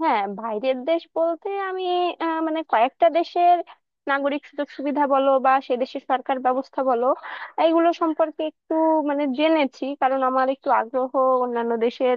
হ্যাঁ, বাইরের দেশ বলতে আমি মানে কয়েকটা দেশের নাগরিক সুযোগ সুবিধা বলো বা সে দেশের সরকার ব্যবস্থা বলো, এইগুলো সম্পর্কে একটু মানে জেনেছি, কারণ আমার একটু আগ্রহ অন্যান্য দেশের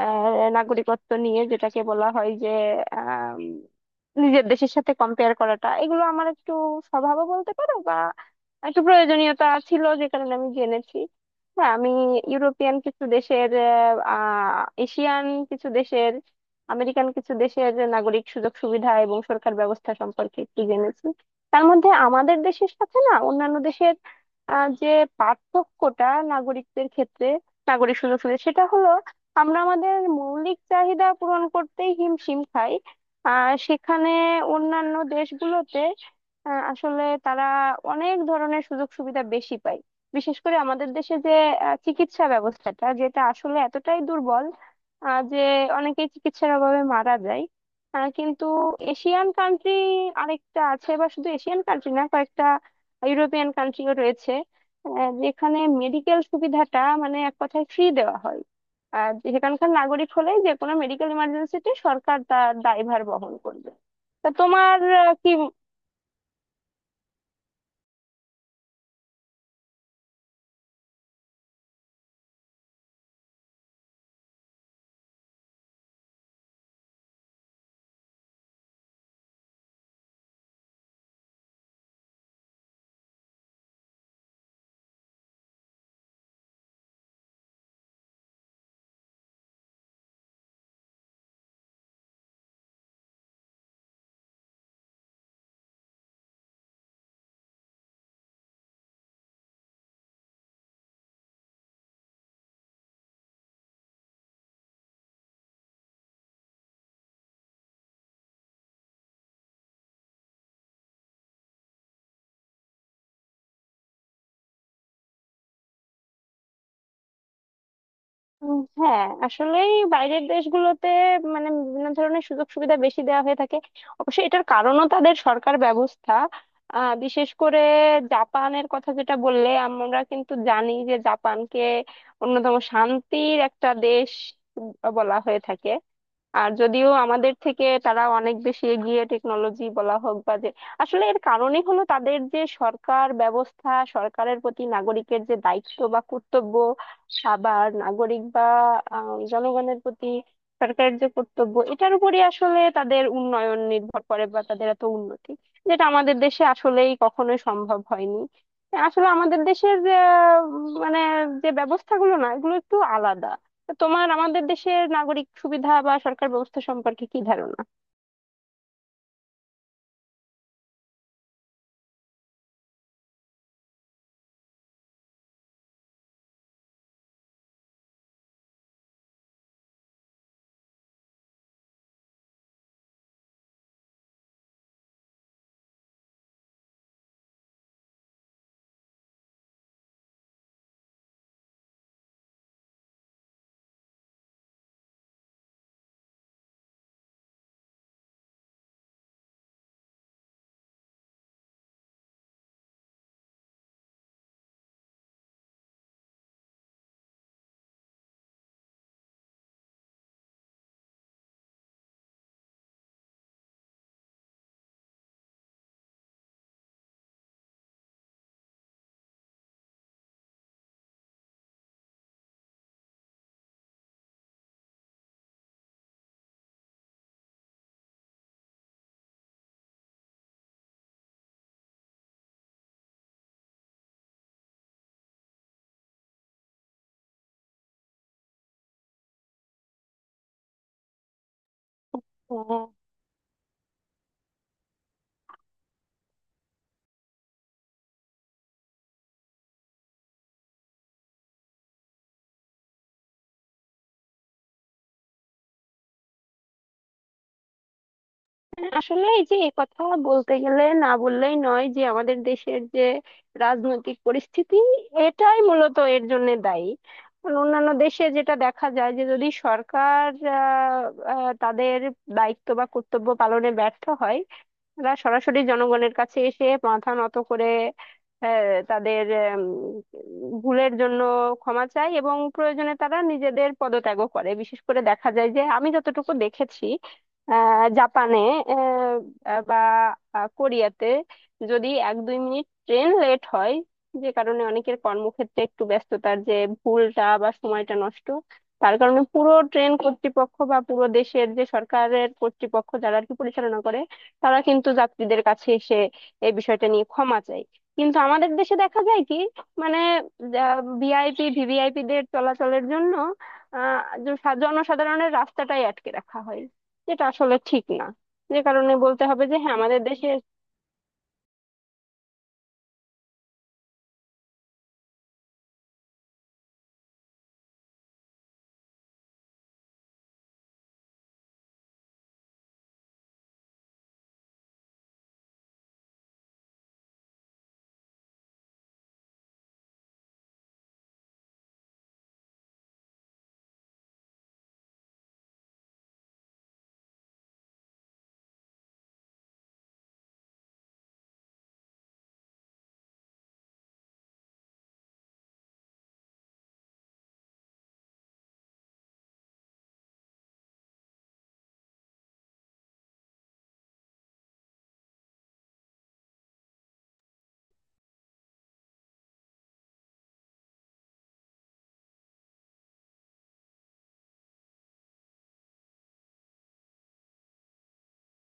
নাগরিকত্ব নিয়ে, যেটাকে বলা হয় যে আম, নিজের দেশের সাথে কম্পেয়ার করাটা এগুলো আমার একটু স্বভাবও বলতে পারো, বা একটু প্রয়োজনীয়তা ছিল, যে কারণে আমি জেনেছি। হ্যাঁ, আমি ইউরোপিয়ান কিছু দেশের, আহ এশিয়ান কিছু দেশের, আমেরিকান কিছু দেশের নাগরিক সুযোগ সুবিধা এবং সরকার ব্যবস্থা সম্পর্কে একটু জেনেছি। তার মধ্যে আমাদের দেশের সাথে না অন্যান্য দেশের যে পার্থক্যটা নাগরিকদের ক্ষেত্রে, নাগরিক সুযোগ সুবিধা, সেটা হলো আমরা আমাদের মৌলিক চাহিদা পূরণ করতেই হিমশিম খাই। সেখানে অন্যান্য দেশগুলোতে আসলে তারা অনেক ধরনের সুযোগ সুবিধা বেশি পায়। বিশেষ করে আমাদের দেশে যে চিকিৎসা ব্যবস্থাটা, যেটা আসলে এতটাই দুর্বল যে অনেকেই চিকিৎসার অভাবে মারা যায়। কিন্তু এশিয়ান কান্ট্রি আরেকটা আছে, বা শুধু এশিয়ান কান্ট্রি না, কয়েকটা ইউরোপিয়ান কান্ট্রিও রয়েছে যেখানে মেডিকেল সুবিধাটা মানে এক কথায় ফ্রি দেওয়া হয়। আর সেখানকার নাগরিক হলে যে কোনো মেডিকেল ইমার্জেন্সিতে সরকার তার দায়ভার বহন করবে। তা তোমার কি? হ্যাঁ, আসলেই বাইরের দেশগুলোতে মানে বিভিন্ন ধরনের সুযোগ সুবিধা বেশি দেওয়া হয়ে থাকে। অবশ্যই এটার কারণও তাদের সরকার ব্যবস্থা। বিশেষ করে জাপানের কথা যেটা বললে, আমরা কিন্তু জানি যে জাপানকে অন্যতম শান্তির একটা দেশ বলা হয়ে থাকে। আর যদিও আমাদের থেকে তারা অনেক বেশি এগিয়ে, টেকনোলজি বলা হোক বা যে, আসলে এর কারণই হলো তাদের যে সরকার ব্যবস্থা, সরকারের প্রতি নাগরিকের যে দায়িত্ব বা কর্তব্য, আবার নাগরিক বা জনগণের প্রতি সরকারের যে কর্তব্য, এটার উপরই আসলে তাদের উন্নয়ন নির্ভর করে বা তাদের এত উন্নতি, যেটা আমাদের দেশে আসলেই কখনোই সম্ভব হয়নি। আসলে আমাদের দেশের যে মানে যে ব্যবস্থাগুলো না, এগুলো একটু আলাদা। তো তোমার আমাদের দেশের নাগরিক সুবিধা বা সরকার ব্যবস্থা সম্পর্কে কি ধারণা? হ্যাঁ, আসলে এই যে এই কথা বলতে গেলে না বললেই নয় যে আমাদের দেশের যে রাজনৈতিক পরিস্থিতি, এটাই মূলত এর জন্য দায়ী। কারণ অন্যান্য দেশে যেটা দেখা যায় যে যদি সরকার আহ, আহ, তাদের দায়িত্ব বা কর্তব্য পালনে ব্যর্থ হয়, এরা সরাসরি জনগণের কাছে এসে মাথা নত করে, তাদের ভুলের জন্য ক্ষমা চায়, এবং প্রয়োজনে তারা নিজেদের পদত্যাগও করে। বিশেষ করে দেখা যায় যে, আমি যতটুকু দেখেছি, জাপানে আহ, বা কোরিয়াতে যদি এক দুই মিনিট ট্রেন লেট হয়, যে কারণে অনেকের কর্মক্ষেত্রে একটু ব্যস্ততার যে ভুলটা বা সময়টা নষ্ট, তার কারণে পুরো ট্রেন কর্তৃপক্ষ বা পুরো দেশের যে সরকারের কর্তৃপক্ষ যারা আর কি পরিচালনা করে, তারা কিন্তু যাত্রীদের কাছে এসে এই বিষয়টা নিয়ে ক্ষমা চায়। কিন্তু আমাদের দেশে দেখা যায় কি, মানে ভিআইপি ভিভিআইপি দের চলাচলের জন্য আহ জনসাধারণের রাস্তাটাই আটকে রাখা হয়, যেটা আসলে ঠিক না। যে কারণে বলতে হবে যে হ্যাঁ আমাদের দেশে।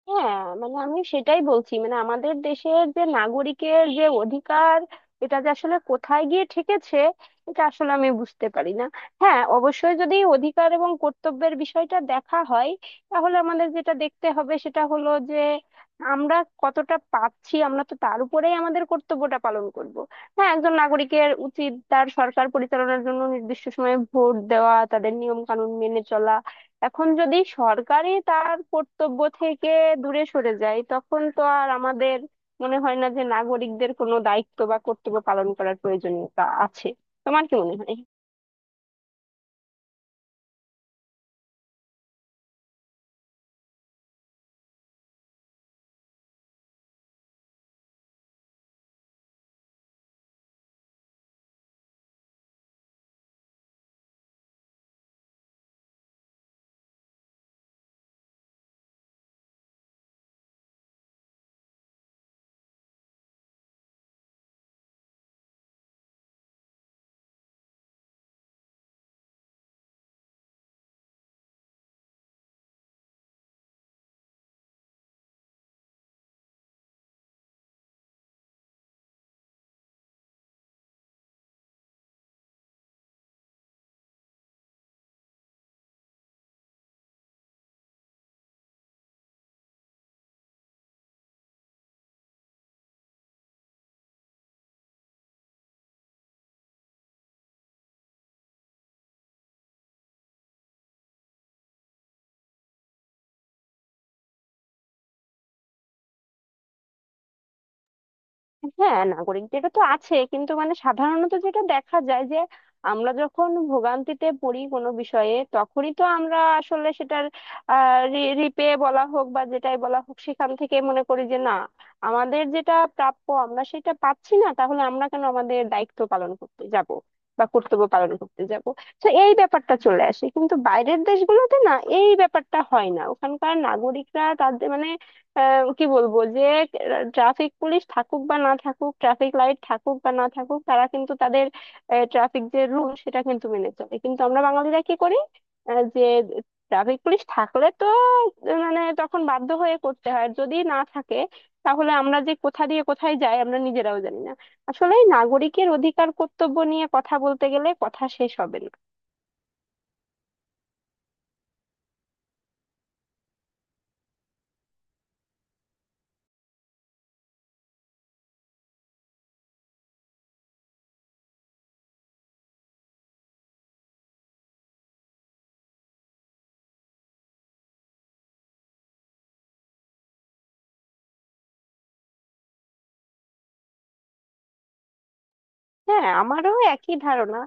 হ্যাঁ, মানে আমি সেটাই বলছি, মানে আমাদের দেশের যে নাগরিকের যে অধিকার, এটা যে আসলে কোথায় গিয়ে ঠেকেছে এটা আসলে আমি বুঝতে পারি না। হ্যাঁ, অবশ্যই যদি অধিকার এবং কর্তব্যের বিষয়টা দেখা হয়, তাহলে আমাদের যেটা দেখতে হবে সেটা হলো যে আমরা কতটা পাচ্ছি, আমরা তো তার উপরেই আমাদের কর্তব্যটা পালন করব। হ্যাঁ, একজন নাগরিকের উচিত তার সরকার পরিচালনার জন্য নির্দিষ্ট সময়ে ভোট দেওয়া, তাদের নিয়ম কানুন মেনে চলা। এখন যদি সরকারই তার কর্তব্য থেকে দূরে সরে যায়, তখন তো আর আমাদের মনে হয় না যে নাগরিকদের কোনো দায়িত্ব বা কর্তব্য পালন করার প্রয়োজনীয়তা আছে। তোমার কি মনে হয়? হ্যাঁ, নাগরিকদের তো আছে, কিন্তু মানে সাধারণত যেটা দেখা যায় যে আমরা যখন ভোগান্তিতে পড়ি কোনো বিষয়ে, তখনই তো আমরা আসলে সেটার রিপে বলা হোক বা যেটাই বলা হোক, সেখান থেকে মনে করি যে না, আমাদের যেটা প্রাপ্য আমরা সেটা পাচ্ছি না, তাহলে আমরা কেন আমাদের দায়িত্ব পালন করতে যাব বা কর্তব্য পালন করতে যাব। তো এই ব্যাপারটা চলে আসে, কিন্তু বাইরের দেশগুলোতে না, এই ব্যাপারটা হয় না। ওখানকার নাগরিকরা তাদের মানে কি বলবো যে, ট্রাফিক পুলিশ থাকুক বা না থাকুক, ট্রাফিক লাইট থাকুক বা না থাকুক, তারা কিন্তু তাদের ট্রাফিক যে রুল সেটা কিন্তু মেনে চলে। কিন্তু আমরা বাঙালিরা কি করি? যে ট্রাফিক পুলিশ থাকলে তো মানে তখন বাধ্য হয়ে করতে হয়, আর যদি না থাকে তাহলে আমরা যে কোথা দিয়ে কোথায় যাই আমরা নিজেরাও জানি না। আসলে এই নাগরিকের অধিকার কর্তব্য নিয়ে কথা বলতে গেলে কথা শেষ হবে না। হ্যাঁ, আমারও একই ধারণা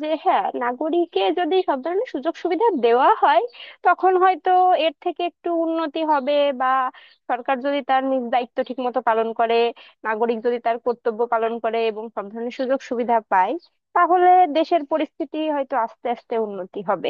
যে হ্যাঁ, নাগরিককে যদি সব ধরনের সুযোগ সুবিধা দেওয়া হয়, তখন হয়তো এর থেকে একটু উন্নতি হবে। বা সরকার যদি তার নিজ দায়িত্ব ঠিক মতো পালন করে, নাগরিক যদি তার কর্তব্য পালন করে এবং সব ধরনের সুযোগ সুবিধা পায়, তাহলে দেশের পরিস্থিতি হয়তো আস্তে আস্তে উন্নতি হবে।